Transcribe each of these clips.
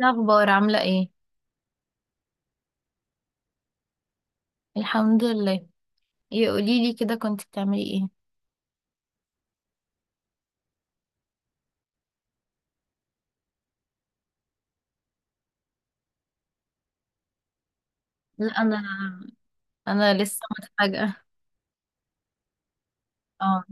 إيه الاخبار؟ عامله ايه؟ الحمد لله. ايه قولي لي كده، كنت بتعملي ايه؟ لا، انا لسه متفاجئه. اه،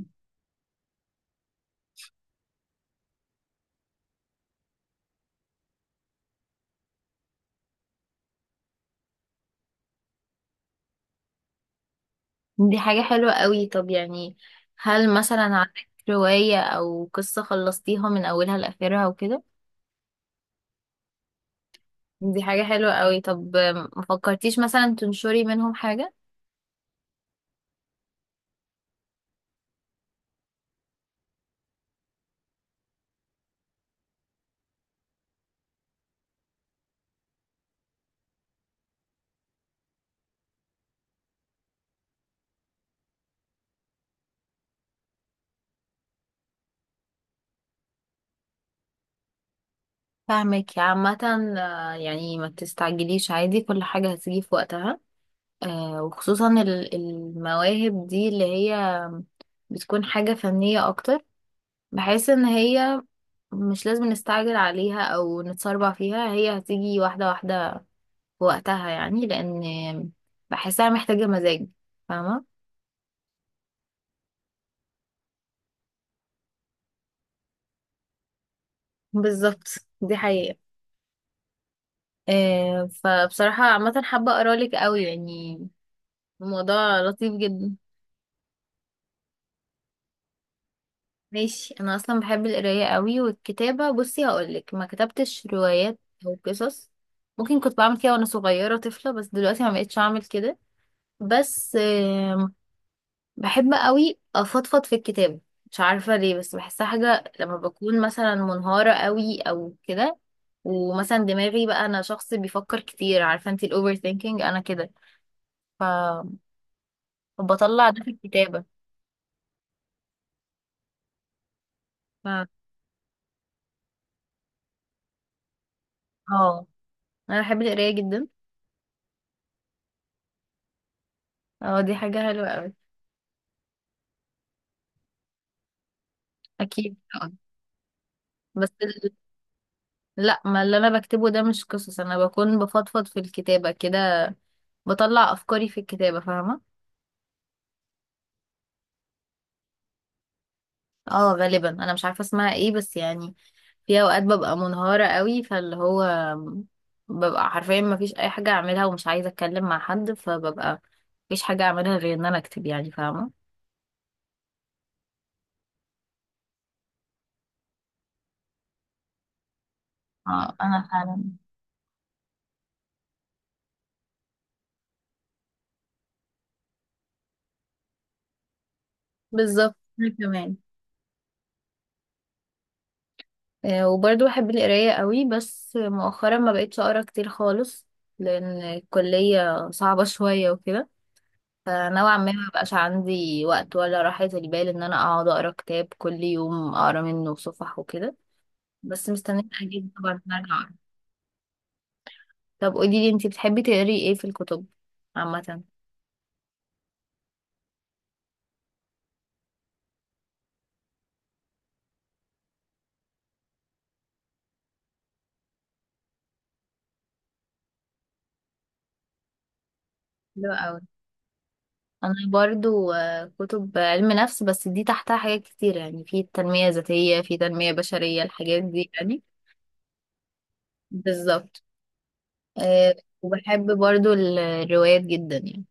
دي حاجه حلوه قوي. طب يعني، هل مثلا عندك روايه او قصه خلصتيها من اولها لاخرها وكده؟ دي حاجه حلوه قوي. طب ما فكرتيش مثلا تنشري منهم حاجه؟ فاهمك عامه. يعني ما تستعجليش، عادي، كل حاجه هتيجي في وقتها. وخصوصا المواهب دي اللي هي بتكون حاجة فنية أكتر. بحس ان هي مش لازم نستعجل عليها او نتسربع فيها، هي هتيجي واحدة واحدة في وقتها يعني، لان بحسها محتاجة مزاج، فاهمة؟ بالظبط، دي حقيقة. فبصراحة عامة حابة اقرالك قوي يعني، الموضوع لطيف جدا. ماشي، انا اصلا بحب القراية قوي والكتابة. بصي هقولك، ما كتبتش روايات او قصص. ممكن كنت بعمل كده وانا صغيرة طفلة، بس دلوقتي ما بقتش اعمل كده. بس بحب قوي افضفض في الكتاب، مش عارفة ليه، بس بحسها حاجة لما بكون مثلا منهارة قوي او كده. ومثلا دماغي بقى، انا شخص بيفكر كتير، عارفة انت الاوفر ثينكينج، انا كده. ف- فبطلع ده في الكتابة. ف... اه، انا بحب القراية جدا. اه، دي حاجة حلوة قوي. اكيد طبعاً. بس ال... لا، ما اللي انا بكتبه ده مش قصص، انا بكون بفضفض في الكتابة كده، بطلع افكاري في الكتابة، فاهمة؟ اه غالبا انا مش عارفة اسمها ايه، بس يعني في اوقات ببقى منهارة قوي، فاللي هو ببقى حرفيا ما فيش اي حاجة اعملها ومش عايزة اتكلم مع حد، فببقى مفيش حاجة اعملها غير ان انا اكتب يعني، فاهمة؟ اه انا فعلا. بالظبط، انا كمان. وبرضه بحب القراية قوي، بس مؤخرا ما بقيتش اقرا كتير خالص، لان الكلية صعبة شوية وكده. فنوعا ما ما بقاش عندي وقت ولا راحة البال ان انا اقعد اقرا كتاب كل يوم اقرا منه صفح وكده. بس مستنية اجيب طبعا إن أنا ارجع. طب قولي لي انتي بتحبي تقري ايه في الكتب عامة؟ حلو قوي. انا برضو كتب علم نفس، بس دي تحتها حاجات كتير يعني، في تنمية ذاتية، في تنمية بشرية، الحاجات دي يعني. بالظبط. أه، وبحب برضو الروايات جدا يعني،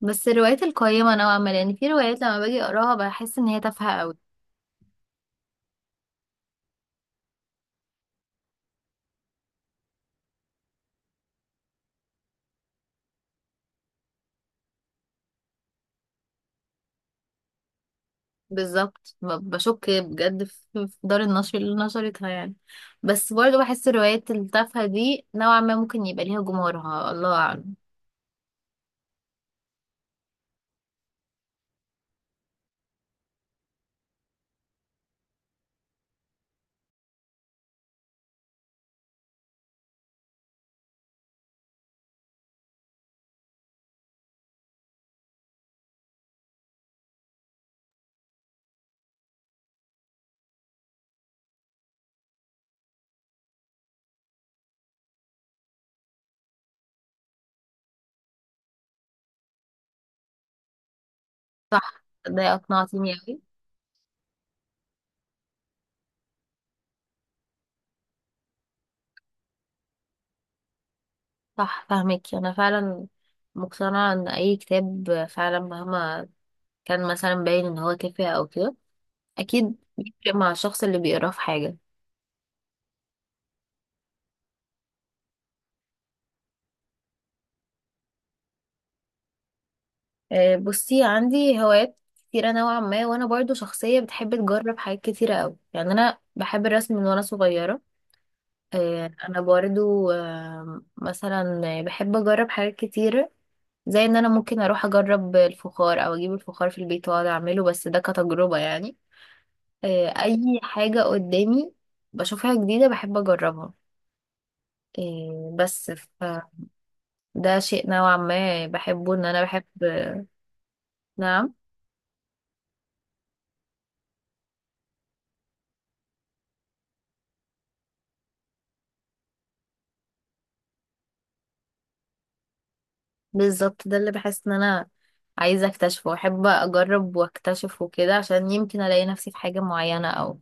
بس الروايات القيمة نوعا ما، لان في روايات لما باجي اقراها بحس ان هي تافهة قوي. بالظبط، بشك بجد في دار النشر اللي نشرتها يعني. بس برضو بحس الروايات التافهة دي نوعا ما ممكن يبقى ليها جمهورها، الله أعلم. ده أقنعتيني أوي. صح، فاهمك، أنا فعلا مقتنعة إن أي كتاب فعلا مهما كان مثلا باين إن هو تافه أو كده، أكيد بيفرق مع الشخص اللي بيقراه في حاجة. بصي عندي هوايات كتيرة نوعا ما، وأنا برضو شخصية بتحب تجرب حاجات كتيرة أوي. يعني أنا بحب الرسم من وأنا صغيرة. أنا برضو مثلا بحب أجرب حاجات كتيرة، زي إن أنا ممكن أروح أجرب الفخار أو أجيب الفخار في البيت وأقعد أعمله، بس ده كتجربة يعني. اي حاجة قدامي بشوفها جديدة بحب اجربها. آه، بس فده شيء نوعا ما بحبه، ان انا بحب. نعم. بالظبط، ده اللي بحس ان انا عايزة اكتشفه، واحب اجرب واكتشف وكده، عشان يمكن الاقي نفسي في حاجة معينة. او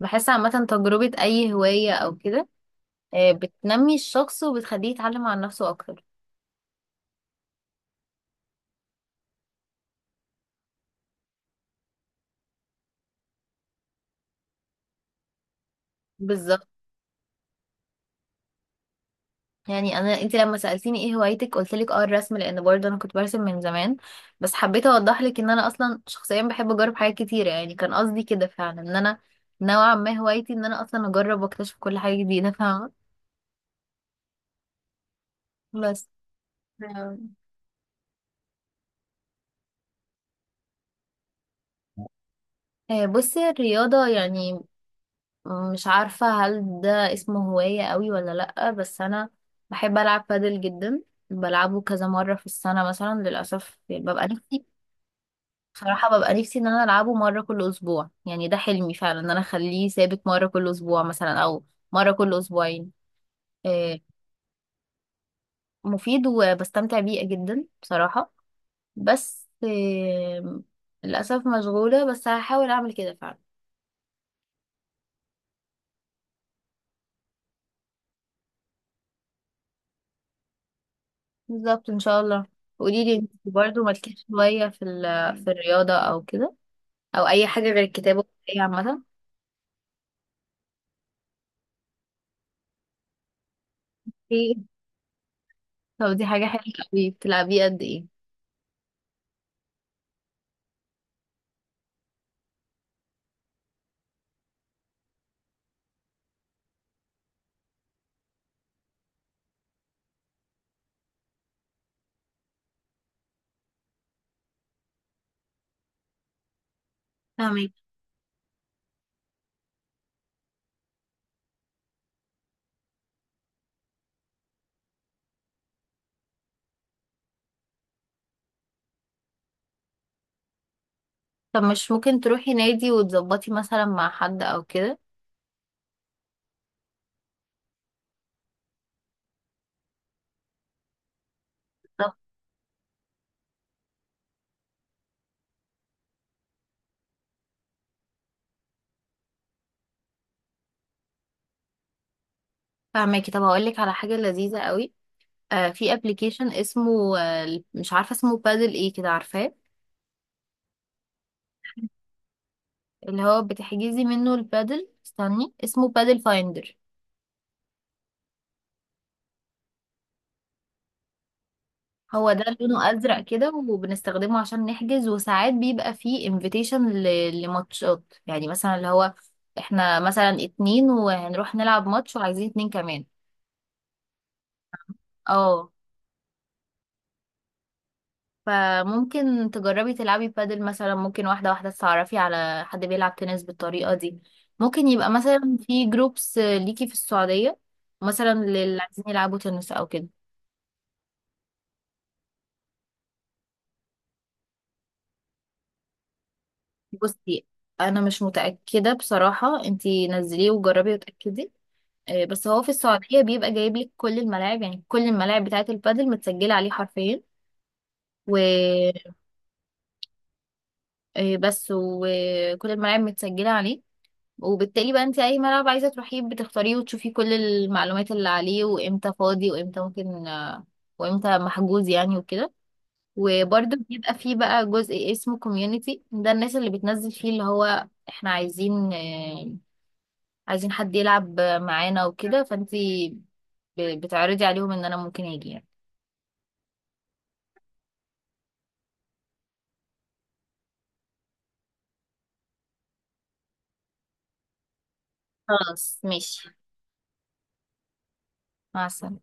بحس عامة تجربة اي هواية او كده بتنمي الشخص وبتخليه يتعلم عن نفسه اكتر. بالظبط. يعني انا، انت لما سالتيني ايه هوايتك قلت لك اه الرسم، لان برضه انا كنت برسم من زمان، بس حبيت اوضح لك ان انا اصلا شخصيا بحب اجرب حاجات كتيره. يعني كان قصدي كده فعلا، ان انا نوعا ما هوايتي ان انا اصلا اجرب واكتشف كل حاجه جديده، فاهمه؟ بس. آم، آه، بصي الرياضه يعني، مش عارفه هل ده اسمه هوايه قوي ولا لا، بس انا بحب العب بادل جدا. بلعبه كذا مره في السنه مثلا، للاسف. ببقى نفسي، بصراحة ببقى نفسي ان انا العبه مرة كل اسبوع. يعني ده حلمي فعلا، ان انا اخليه ثابت مرة كل اسبوع مثلا، او مرة كل اسبوعين. آه، مفيد وبستمتع بيه جدا بصراحة. بس آه، للأسف مشغولة، بس هحاول اعمل كده فعلا. بالظبط ان شاء الله. قولي لي انت برضه، مالكيش شوية في في الرياضة او كده، او اي حاجة غير الكتابة والقراية عامة؟ ايه؟ طب دي حاجة حلوة قوي. بتلعبيه قد ايه؟ فاهمك. طب مش ممكن تروحي نادي وتظبطي مثلا مع حد او كده؟ طب فاهماكي. طب هقول لك على حاجة لذيذة قوي. آه، في ابلكيشن اسمه آه، مش عارفة اسمه بادل ايه كده، عارفاه؟ اللي هو بتحجزي منه البادل، استني اسمه بادل فايندر. هو ده لونه ازرق كده، وبنستخدمه عشان نحجز، وساعات بيبقى فيه انفيتيشن لماتشات يعني، مثلا اللي هو احنا مثلا اتنين وهنروح نلعب ماتش وعايزين اتنين كمان. اه، فممكن تجربي تلعبي بادل مثلا، ممكن واحدة واحدة تتعرفي على حد بيلعب تنس بالطريقة دي. ممكن يبقى مثلا في جروبس ليكي في السعودية، مثلا للي عايزين يلعبوا تنس أو كده. بصي، أنا مش متأكدة بصراحة، انتي نزليه وجربي وتأكدي. بس هو في السعودية بيبقى جايب لك كل الملاعب، يعني كل الملاعب بتاعة البادل متسجلة عليه حرفيا. وبس، وكل الملاعب متسجلة عليه، وبالتالي بقى انت اي ملعب عايزه تروحيه بتختاريه، وتشوفي كل المعلومات اللي عليه، وامتى فاضي، وامتى ممكن وامتى محجوز يعني وكده. وبرده بيبقى فيه بقى جزء اسمه كوميونيتي، ده الناس اللي بتنزل فيه اللي هو احنا عايزين عايزين حد يلعب معانا وكده، فانت بتعرضي عليهم ان انا ممكن اجي يعني. خلاص ماشي. مع السلامه.